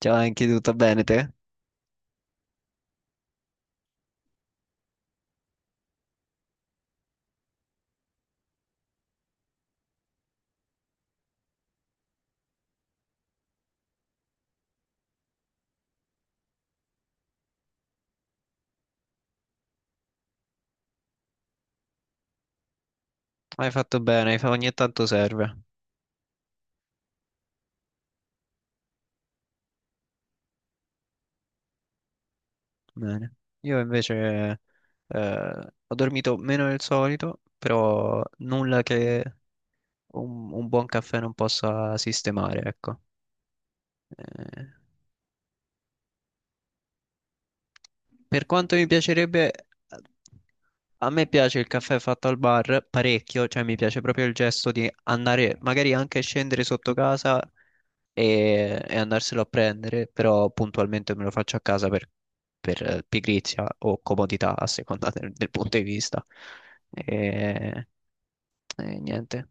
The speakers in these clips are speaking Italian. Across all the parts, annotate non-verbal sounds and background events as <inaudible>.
Ciao, anche tutto bene te? Hai fatto bene, ogni tanto serve. Bene. Io invece ho dormito meno del solito, però nulla che un buon caffè non possa sistemare, ecco. Eh, per quanto mi piacerebbe, a me piace il caffè fatto al bar parecchio, cioè mi piace proprio il gesto di andare, magari anche scendere sotto casa e andarselo a prendere, però puntualmente me lo faccio a casa per pigrizia o comodità a seconda del punto di vista. E, e niente.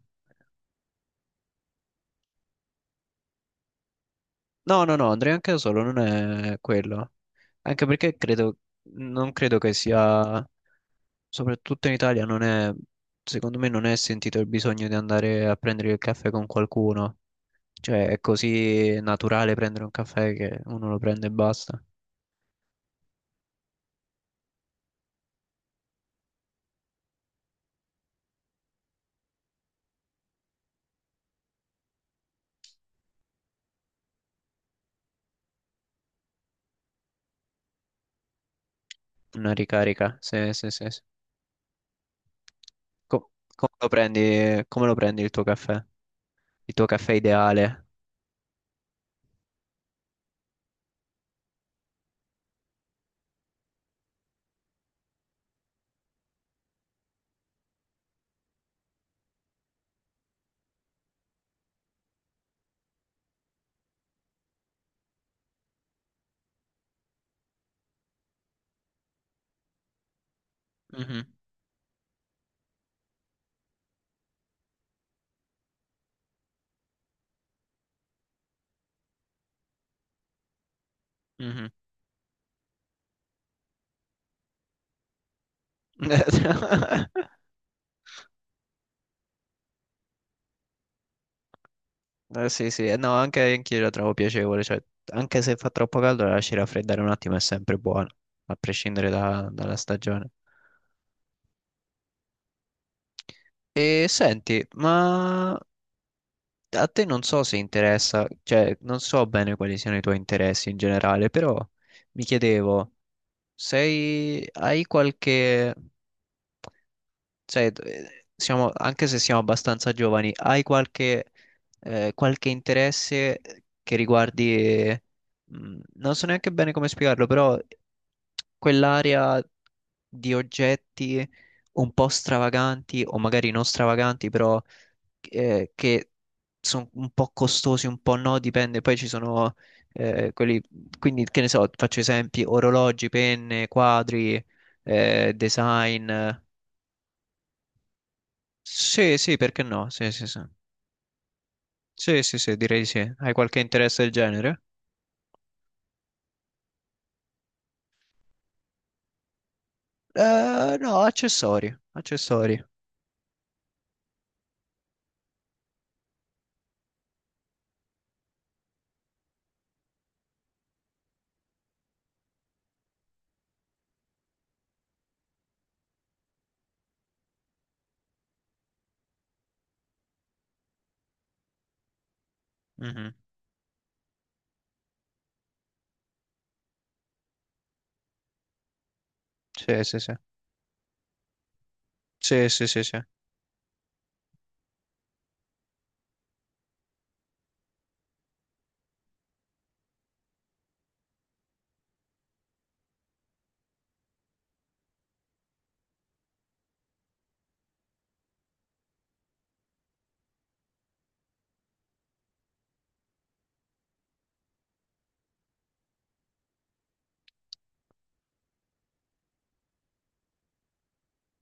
No, no, no, andrei anche da solo, non è quello. Anche perché credo, non credo che sia, soprattutto in Italia, non è, secondo me non è sentito il bisogno di andare a prendere il caffè con qualcuno. Cioè, è così naturale prendere un caffè che uno lo prende e basta. Una ricarica, sì, sì, sì. Sì. Come lo prendi, come lo prendi il tuo caffè? Il tuo caffè ideale? Mhm, mhm. <laughs> Sì, sì, no, anche anch'io la trovo piacevole, cioè, anche se fa troppo caldo, la lasci raffreddare un attimo è sempre buono, a prescindere dalla stagione. E senti, ma a te non so se interessa, cioè, non so bene quali siano i tuoi interessi in generale, però mi chiedevo, sei, hai qualche sai, siamo, anche se siamo abbastanza giovani, hai qualche, qualche interesse che riguardi, non so neanche bene come spiegarlo, però quell'area di oggetti un po' stravaganti o magari non stravaganti, però che sono un po' costosi, un po' no, dipende. Poi ci sono quelli, quindi che ne so, faccio esempi, orologi, penne, quadri, design. Sì, sì, perché no? Sì, sì, sì. Sì, sì, sì, direi di sì. Hai qualche interesse del genere? No, accessori, accessori. Mhm. Sì, sì, sì. Sì, sì, sì, sì.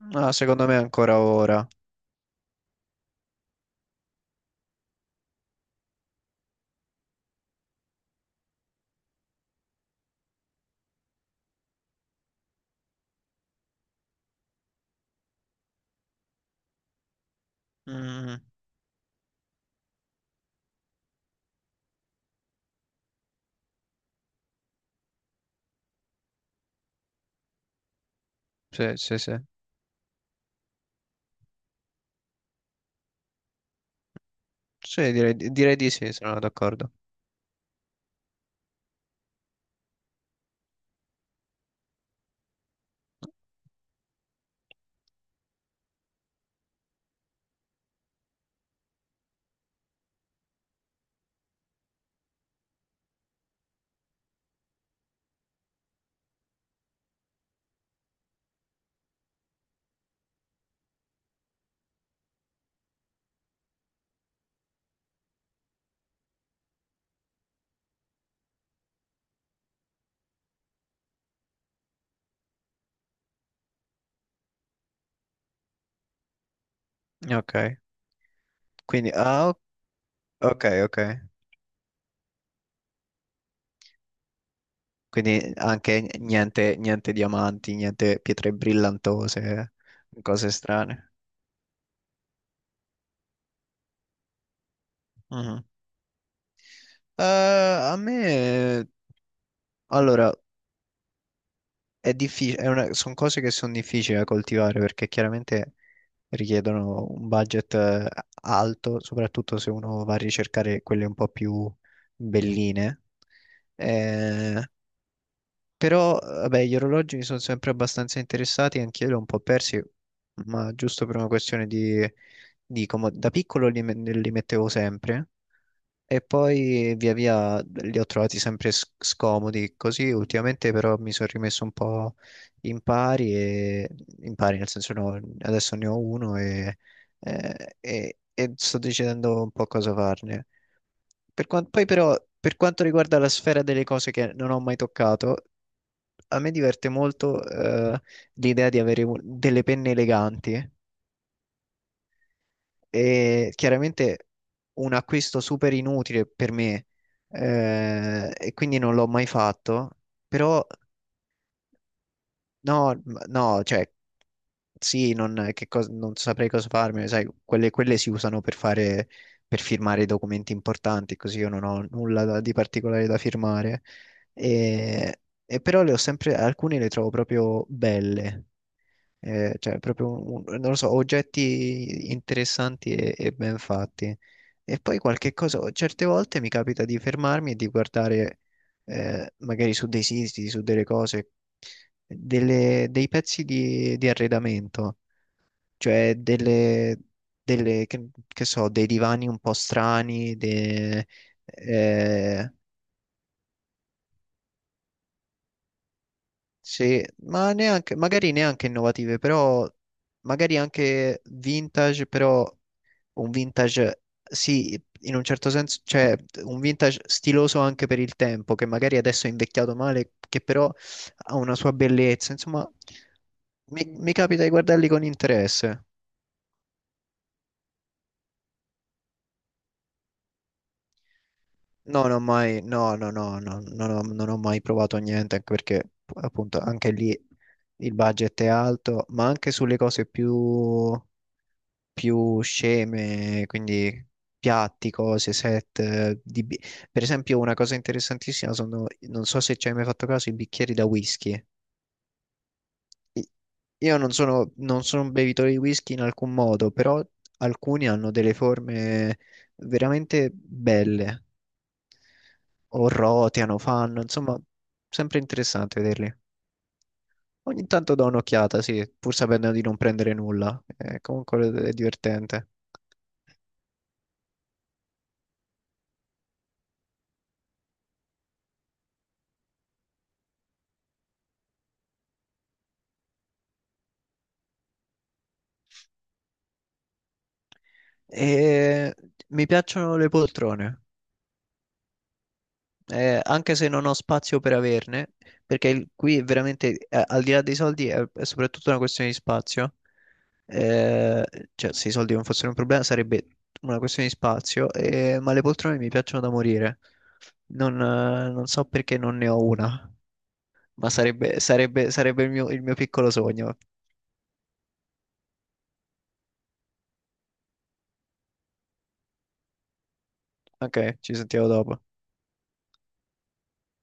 No, secondo me ancora ora. Mhm. Sì, sì, sì. Sì, direi, direi di sì, sono d'accordo. Ok, quindi, ah, o- ok, ok. Quindi anche niente, niente diamanti, niente pietre brillantose, eh, cose strane. Eh, A me, allora, è difficile, sono cose che sono difficili da coltivare perché chiaramente richiedono un budget alto, soprattutto se uno va a ricercare quelle un po' più belline. Eh, Però, vabbè, gli orologi mi sono sempre abbastanza interessati, anch'io li ho un po' persi, ma giusto per una questione di, da piccolo li mettevo sempre. E poi via via li ho trovati sempre scomodi così, ultimamente però mi sono rimesso un po' in pari, e, in pari nel senso no, adesso ne ho uno e sto decidendo un po' cosa farne. Però per quanto riguarda la sfera delle cose che non ho mai toccato, a me diverte molto l'idea di avere delle penne eleganti. E chiaramente un acquisto super inutile per me, e quindi non l'ho mai fatto, però no, no, cioè sì, non saprei cosa farmene, sai, quelle, quelle si usano per fare, per firmare i documenti importanti, così io non ho nulla di particolare da firmare, e, e però le ho sempre, alcune le trovo proprio belle. Cioè, proprio, non lo so, oggetti interessanti e ben fatti. E poi qualche cosa, certe volte mi capita di fermarmi e di guardare, magari su dei siti, su delle cose, dei pezzi di arredamento, cioè delle, che so, dei divani un po' strani, eh, sì, ma neanche, magari neanche innovative, però magari anche vintage, però un vintage, sì, in un certo senso, cioè un vintage stiloso anche per il tempo, che magari adesso è invecchiato male, che però ha una sua bellezza. Insomma, mi capita di guardarli con interesse. No, non ho mai, no, no, no, no, non ho mai provato niente, anche perché appunto anche lì il budget è alto, ma anche sulle cose più più sceme, quindi piatti, cose, set. Per esempio, una cosa interessantissima sono, non so se ci hai mai fatto caso, i bicchieri da whisky. I- Io non sono, non sono un bevitore di whisky in alcun modo, però alcuni hanno delle forme veramente belle, o roteano, fanno, insomma, sempre interessante vederli. Ogni tanto do un'occhiata, sì, pur sapendo di non prendere nulla. Comunque è divertente. E mi piacciono le poltrone, anche se non ho spazio per averne, perché qui è veramente, al di là dei soldi, è soprattutto una questione di spazio. Eh, cioè, se i soldi non fossero un problema, sarebbe una questione di spazio, ma le poltrone mi piacciono da morire. Non, non so perché non ne ho una, ma sarebbe, sarebbe il mio piccolo sogno. Ok, ci sentiamo dopo.